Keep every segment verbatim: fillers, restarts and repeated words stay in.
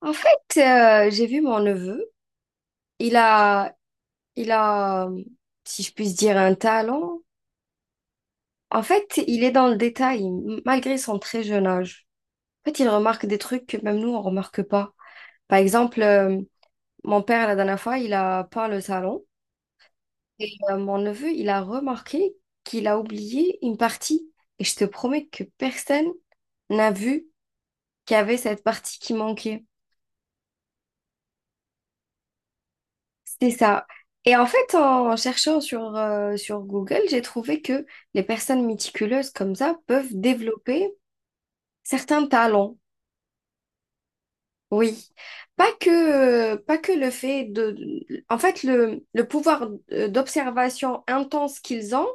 En fait, euh, j'ai vu mon neveu. Il a, il a, si je puis dire, un talent. En fait, il est dans le détail, m- malgré son très jeune âge. En fait, il remarque des trucs que même nous, on remarque pas. Par exemple, euh, mon père, la dernière fois, il a peint le salon. Et euh, mon neveu, il a remarqué qu'il a oublié une partie. Et je te promets que personne n'a vu qu'il y avait cette partie qui manquait. C'est ça. Et en fait, en cherchant sur, euh, sur Google, j'ai trouvé que les personnes méticuleuses comme ça peuvent développer certains talents. Oui. Pas que, euh, pas que le fait de... En fait, le, le pouvoir euh, d'observation intense qu'ils ont,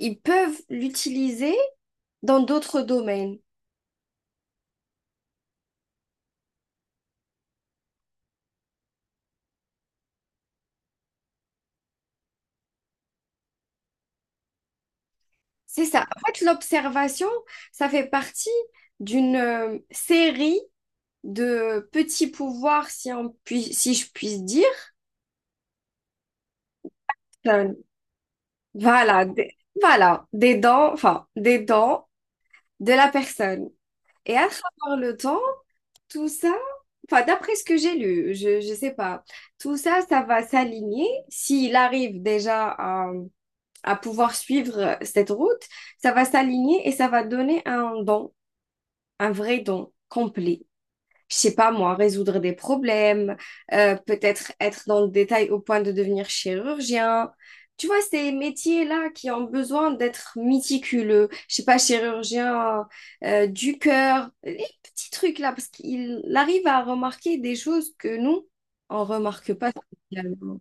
ils peuvent l'utiliser dans d'autres domaines. C'est ça. En fait, l'observation, ça fait partie d'une euh, série de petits pouvoirs, si on puis, si je puis dire Enfin, voilà, des, voilà, des dents, enfin, des dents de la personne. Et à travers le temps, tout ça, enfin, d'après ce que j'ai lu, je, je sais pas, tout ça, ça va s'aligner. S'il arrive déjà à, à pouvoir suivre cette route, ça va s'aligner et ça va donner un don, un vrai don complet. Je sais pas moi, résoudre des problèmes, euh, peut-être être dans le détail au point de devenir chirurgien. Tu vois, ces métiers-là qui ont besoin d'être méticuleux, je sais pas, chirurgien euh, du cœur, les petits trucs-là, parce qu'il arrive à remarquer des choses que nous, on remarque pas spécialement.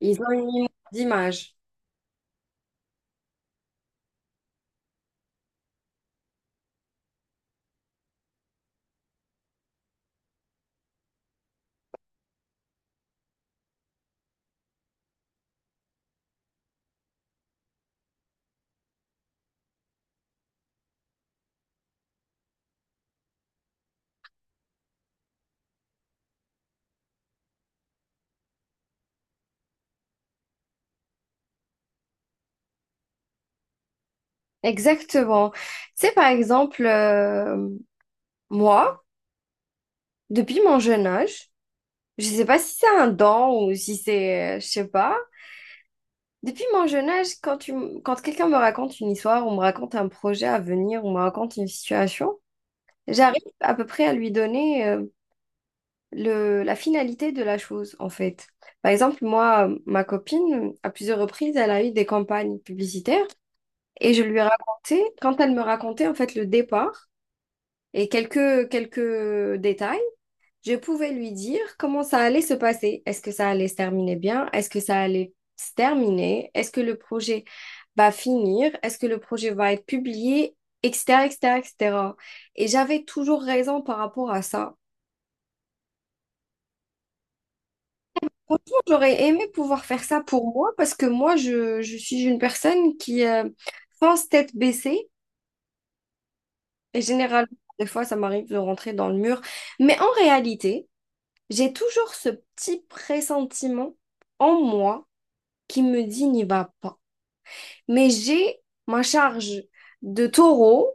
Ils ont une image d'image. Exactement. Tu sais, par exemple, euh, moi, depuis mon jeune âge, je sais pas si c'est un don ou si c'est, euh, je sais pas. Depuis mon jeune âge, quand tu, m- quand quelqu'un me raconte une histoire, on me raconte un projet à venir, on me raconte une situation, j'arrive à peu près à lui donner euh, le, la finalité de la chose, en fait. Par exemple, moi, ma copine, à plusieurs reprises, elle a eu des campagnes publicitaires et je lui ai raconté, quand elle me racontait en fait le départ et quelques, quelques détails, je pouvais lui dire comment ça allait se passer. Est-ce que ça allait se terminer bien? Est-ce que ça allait se terminer? Est-ce que le projet va finir? Est-ce que le projet va être publié? Etc., et cetera, et cetera. Et j'avais toujours raison par rapport à ça. Franchement, j'aurais aimé pouvoir faire ça pour moi parce que moi, je, je suis une personne qui euh, pense tête baissée et généralement, des fois, ça m'arrive de rentrer dans le mur. Mais en réalité, j'ai toujours ce petit pressentiment en moi qui me dit n'y va pas. Mais j'ai ma charge de taureau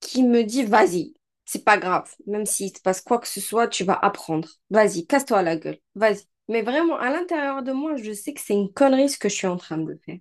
qui me dit vas-y, c'est pas grave, même s'il te passe quoi que ce soit, tu vas apprendre. Vas-y, casse-toi la gueule, vas-y. Mais vraiment, à l'intérieur de moi, je sais que c'est une connerie ce que je suis en train de faire.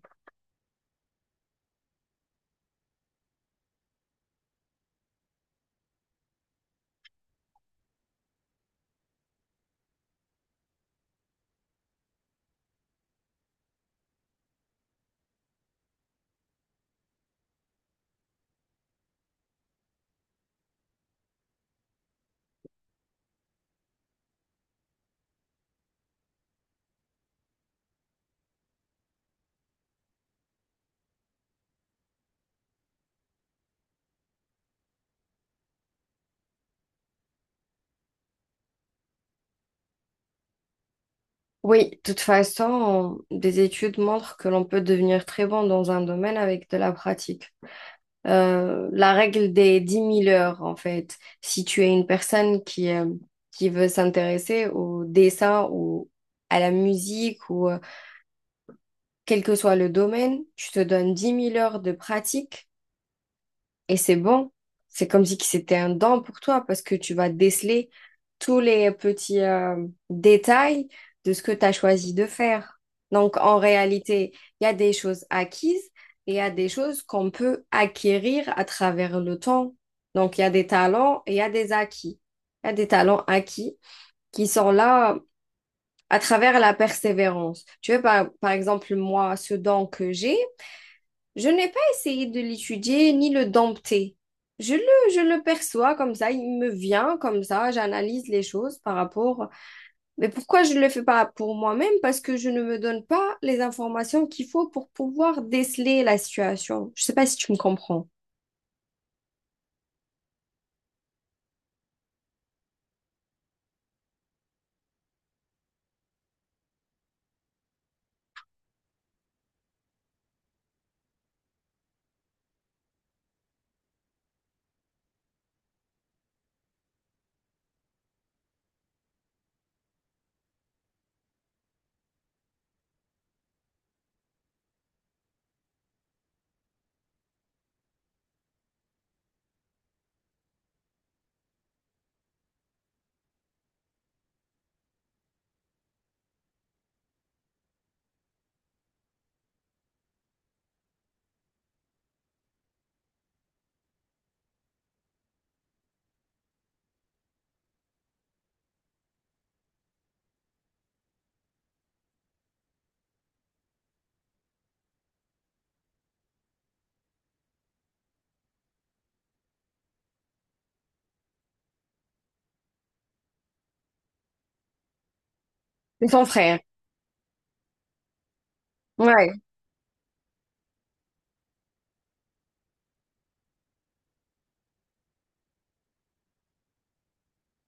Oui, de toute façon, des études montrent que l'on peut devenir très bon dans un domaine avec de la pratique. Euh, la règle des dix mille heures, en fait. Si tu es une personne qui, euh, qui veut s'intéresser au dessin ou à la musique ou euh, quel que soit le domaine, tu te donnes dix mille heures de pratique et c'est bon. C'est comme si que c'était un don pour toi parce que tu vas déceler tous les petits euh, détails de ce que tu as choisi de faire. Donc, en réalité, il y a des choses acquises et il y a des choses qu'on peut acquérir à travers le temps. Donc, il y a des talents et il y a des acquis. Il y a des talents acquis qui sont là à travers la persévérance. Tu vois, par, par exemple, moi, ce don que j'ai, je n'ai pas essayé de l'étudier ni le dompter. Je le, je le perçois comme ça, il me vient comme ça, j'analyse les choses par rapport. Mais pourquoi je ne le fais pas pour moi-même? Parce que je ne me donne pas les informations qu'il faut pour pouvoir déceler la situation. Je ne sais pas si tu me comprends. C'est ton frère. Ouais.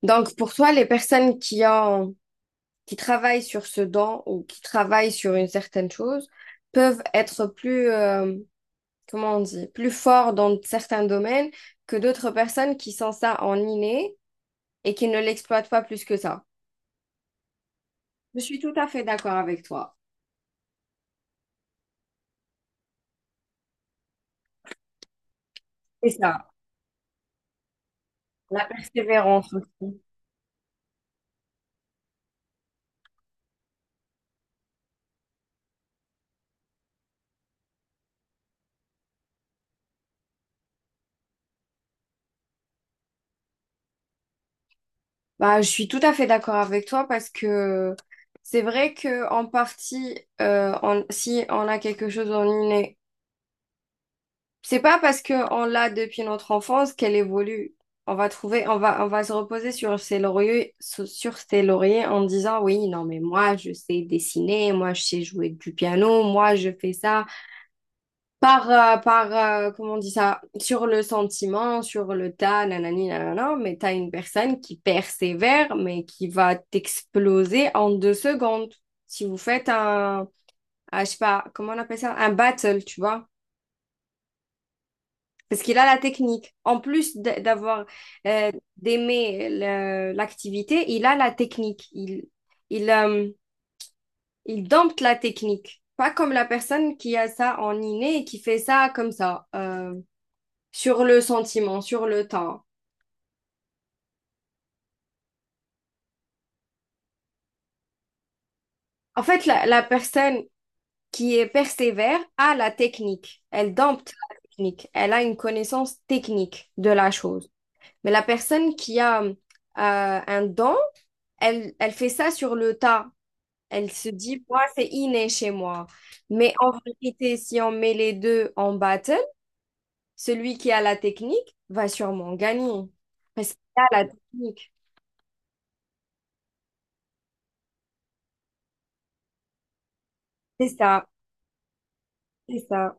Donc pour toi, les personnes qui ont, qui travaillent sur ce don ou qui travaillent sur une certaine chose peuvent être plus, euh, comment on dit, plus fort dans certains domaines que d'autres personnes qui sont ça en inné et qui ne l'exploitent pas plus que ça. Je suis tout à fait d'accord avec toi. C'est ça, la persévérance aussi. Bah, je suis tout à fait d'accord avec toi parce que c'est vrai que en partie, euh, on- si on a quelque chose en inné. C'est pas parce qu'on l'a depuis notre enfance qu'elle évolue. On va trouver, on va, on va se reposer sur ses lauriers, sur sur ses lauriers en disant oui, non mais moi je sais dessiner, moi je sais jouer du piano, moi je fais ça par, euh, par euh, comment on dit ça, sur le sentiment, sur le tas, nanani, nanana, mais t'as une personne qui persévère mais qui va t'exploser en deux secondes. Si vous faites un, ah, je sais pas, comment on appelle ça, un battle, tu vois. Parce qu'il a la technique. En plus d- d'avoir euh, d'aimer le- l'activité, il a la technique. Il, il, euh, il dompte la technique. Pas comme la personne qui a ça en inné et qui fait ça comme ça, euh, sur le sentiment, sur le temps. En fait, la, la personne qui est persévère a la technique. Elle dompte la technique. Elle a une connaissance technique de la chose. Mais la personne qui a euh, un don, elle, elle fait ça sur le tas. Elle se dit, moi, c'est inné chez moi. Mais en vérité, si on met les deux en battle, celui qui a la technique va sûrement gagner. Parce qu'il a la technique. C'est ça, c'est ça,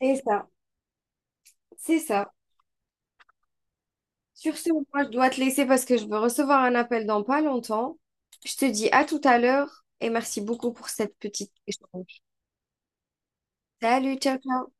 c'est ça, c'est ça. Sur ce, moi, je dois te laisser parce que je veux recevoir un appel dans pas longtemps. Je te dis à tout à l'heure et merci beaucoup pour cette petite échange. Salut, ciao, ciao.